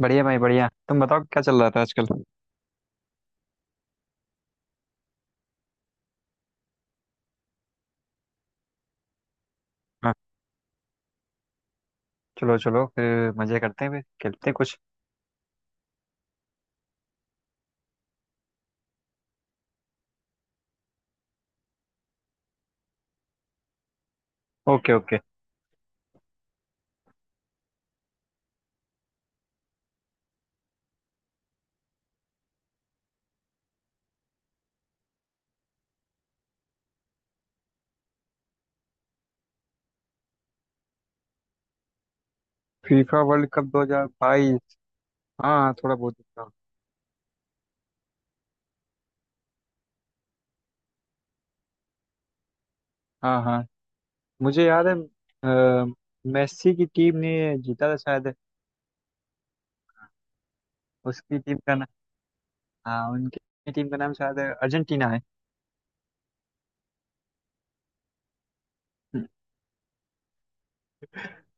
बढ़िया भाई बढ़िया। तुम बताओ क्या चल रहा था आजकल। हाँ। चलो चलो फिर मजे करते हैं, फिर खेलते हैं कुछ। Okay okay. FIFA World Cup 2022। हाँ, थोड़ा बहुत देखा हूँ। हाँ हाँ, मुझे याद है। अ, मेस्सी की टीम ने जीता था शायद। उसकी टीम का नाम। हाँ, उनकी टीम का नाम शायद अर्जेंटीना है।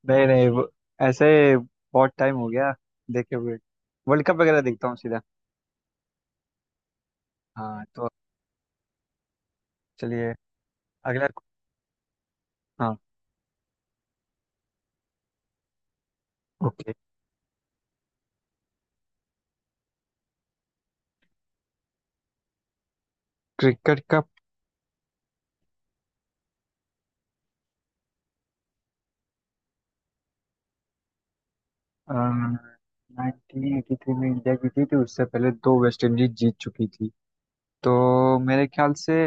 नहीं नहीं, वो ऐसे बहुत टाइम हो गया देखे हुए। वर्ल्ड कप वगैरह देखता हूँ सीधा। हाँ तो चलिए। अगला। हाँ। ओके। क्रिकेट का। 1983 में इंडिया जीती थी, उससे पहले दो वेस्ट इंडीज जीत चुकी थी तो मेरे ख्याल से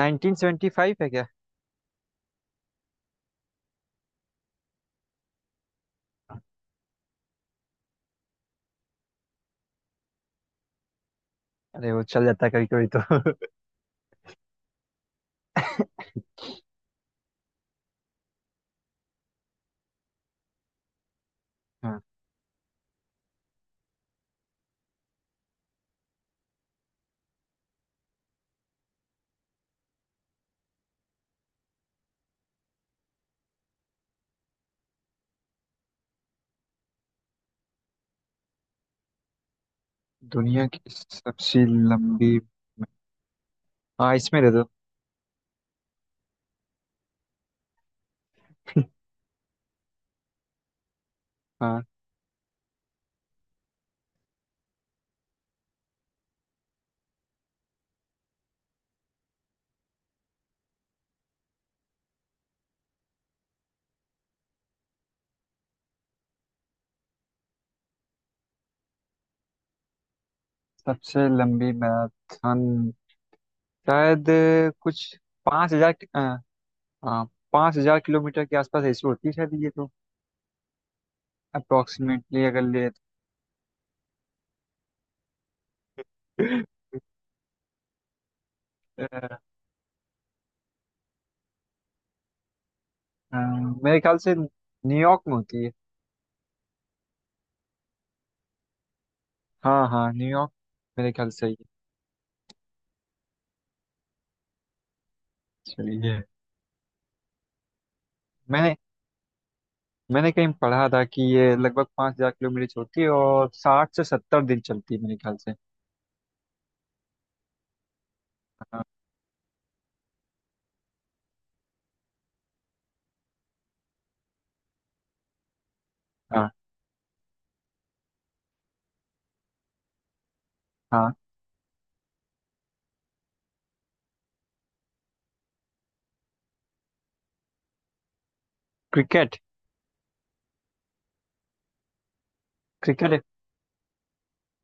1975 है क्या? अरे वो चल जाता है कभी कभी तो। हाँ। दुनिया की सबसे लंबी। हाँ, इसमें दे दो। हाँ। सबसे लंबी मैराथन शायद कुछ 5,000। हाँ। हाँ, 5,000 किलोमीटर के आसपास ऐसी होती है शायद, ये तो अप्रोक्सीमेटली अगर ले तो। अ, अ, मेरे ख्याल से न्यूयॉर्क में होती है। हाँ हाँ, न्यूयॉर्क मेरे ख्याल से ही है। चलिए ये। मैंने मैंने कहीं पढ़ा था कि ये लगभग 5,000 किलोमीटर चलती है और 60 से 70 दिन चलती है मेरे ख्याल से। हाँ हाँ हाँ। Cricket cricket.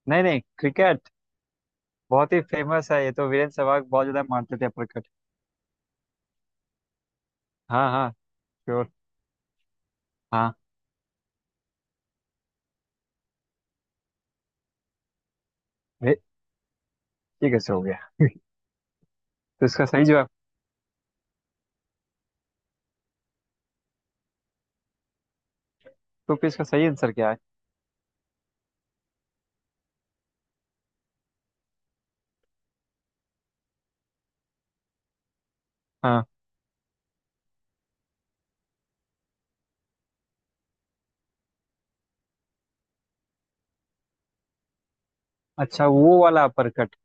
नहीं नहीं, क्रिकेट। बहुत ही फेमस है ये तो। वीरेंद्र सहवाग बहुत ज्यादा मानते थे अपना क्रिकेट। हाँ हाँ, श्योर। हाँ। ये ये कैसे हो गया? तो इसका सही जवाब। तो फिर इसका सही आंसर क्या है? हाँ। अच्छा, वो वाला अपर कट।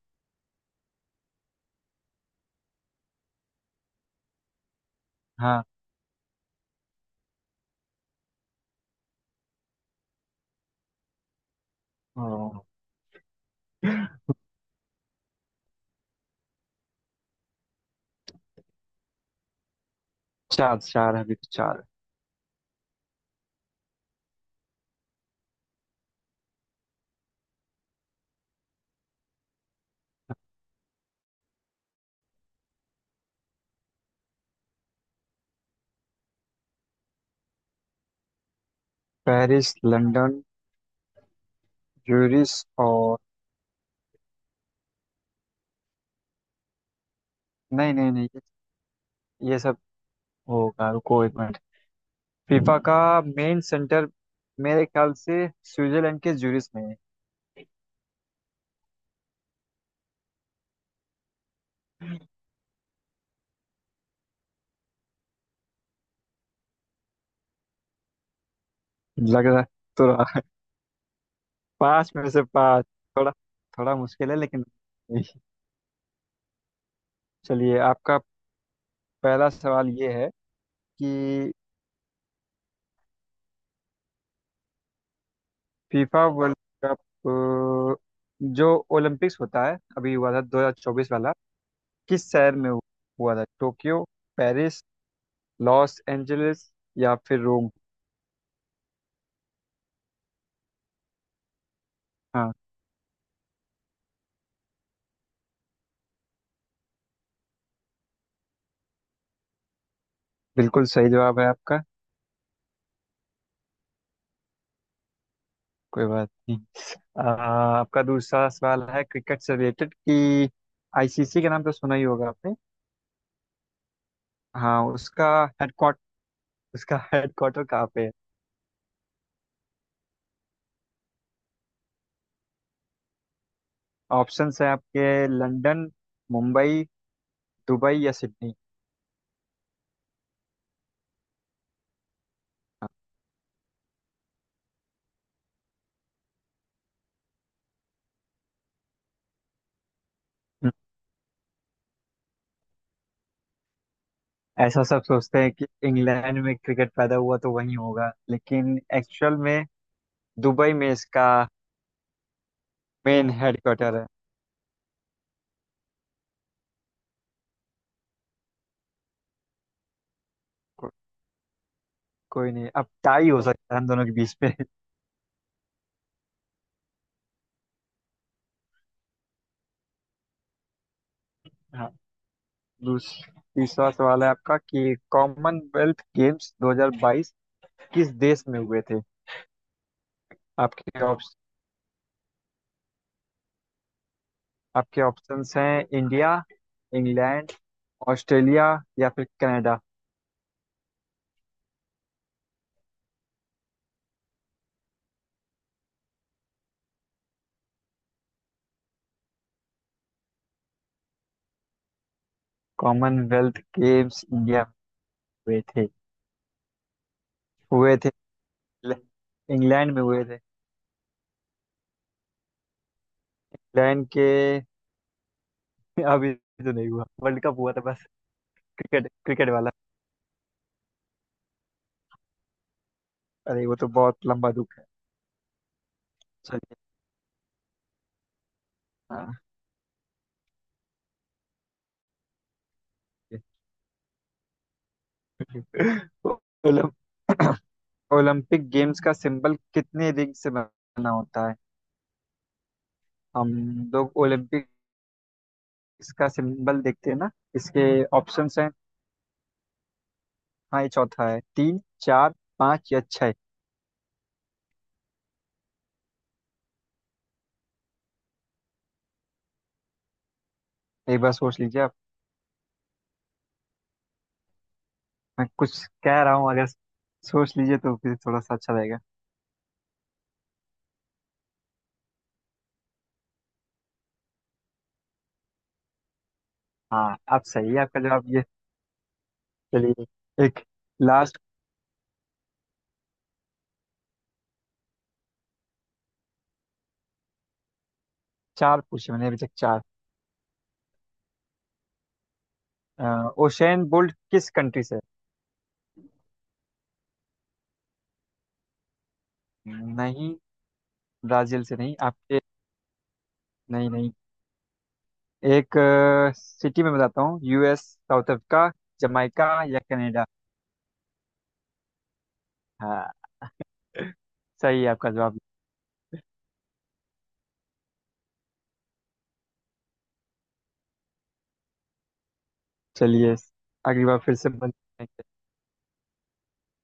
हाँ। ओ। चार चार है, अभी तो चार। पेरिस लंदन ज्यूरिख और। नहीं नहीं नहीं, ये सब होगा, रुको एक मिनट। फीफा का मेन सेंटर मेरे ख्याल से स्विट्जरलैंड के ज्यूरिख में है। लग रहा, तो रहा पाँच में से पाँच। थोड़ा थोड़ा मुश्किल है लेकिन। चलिए आपका पहला सवाल ये है कि फीफा वर्ल्ड कप, जो ओलंपिक्स होता है, अभी हुआ था 2024 वाला, किस शहर में हुआ था? टोक्यो, पेरिस, लॉस एंजलिस या फिर रोम? हाँ बिल्कुल सही जवाब है आपका। कोई बात नहीं। आपका दूसरा सवाल है क्रिकेट से रिलेटेड कि आईसीसी का नाम तो सुना ही होगा आपने। हाँ, हेडक्वार्ट उसका हेडक्वार्टर कहाँ पे है? ऑप्शंस है आपके। लंदन, मुंबई, दुबई या सिडनी। हम्म, ऐसा सब सोचते हैं कि इंग्लैंड में क्रिकेट पैदा हुआ तो वहीं होगा, लेकिन एक्चुअल में दुबई में इसका मेन हेडक्वार्टर है। को, कोई नहीं, अब टाई हो सकता है हम दोनों के बीच में। हाँ। दूस- तीसरा सवाल है आपका कि कॉमनवेल्थ गेम्स 2022 किस देश में हुए थे? आपके ऑप्श आपके ऑप्शंस हैं इंडिया, इंग्लैंड, ऑस्ट्रेलिया या फिर कनाडा। कॉमनवेल्थ गेम्स इंडिया में हुए थे। हुए थे इंग्ल- इंग्लैंड में हुए थे। इंग्लैंड के। अभी तो नहीं हुआ, वर्ल्ड कप हुआ था बस। क्रिकेट, क्रिकेट वाला। अरे वो तो बहुत लंबा दुख है। चलिए। हाँ। ओ- ओलम- ओलंपिक गेम्स का सिंबल कितने रिंग से बना होता है? हम लोग ओलंपिक, इसका सिंबल देखते हैं ना। इसके ऑप्शंस हैं। हाँ ये चौथा है। तीन, चार, पाँच या छः? एक बार सोच लीजिए आप। मैं कुछ कह रहा हूँ, अगर सोच लीजिए तो फिर थोड़ा सा अच्छा रहेगा। हाँ आप सही है, आपका जवाब ये। चलिए। एक लास्ट। चार पूछे मैंने अभी तक, चार। ओशेन बोल्ट किस कंट्री से है? नहीं। ब्राजील से नहीं। आपके। नहीं नहीं, एक सिटी में बताता हूँ। यूएस, साउथ अफ्रीका, जमाइका या कनाडा। हाँ सही है आपका जवाब। चलिए। अगली बार फिर से मिलेंगे।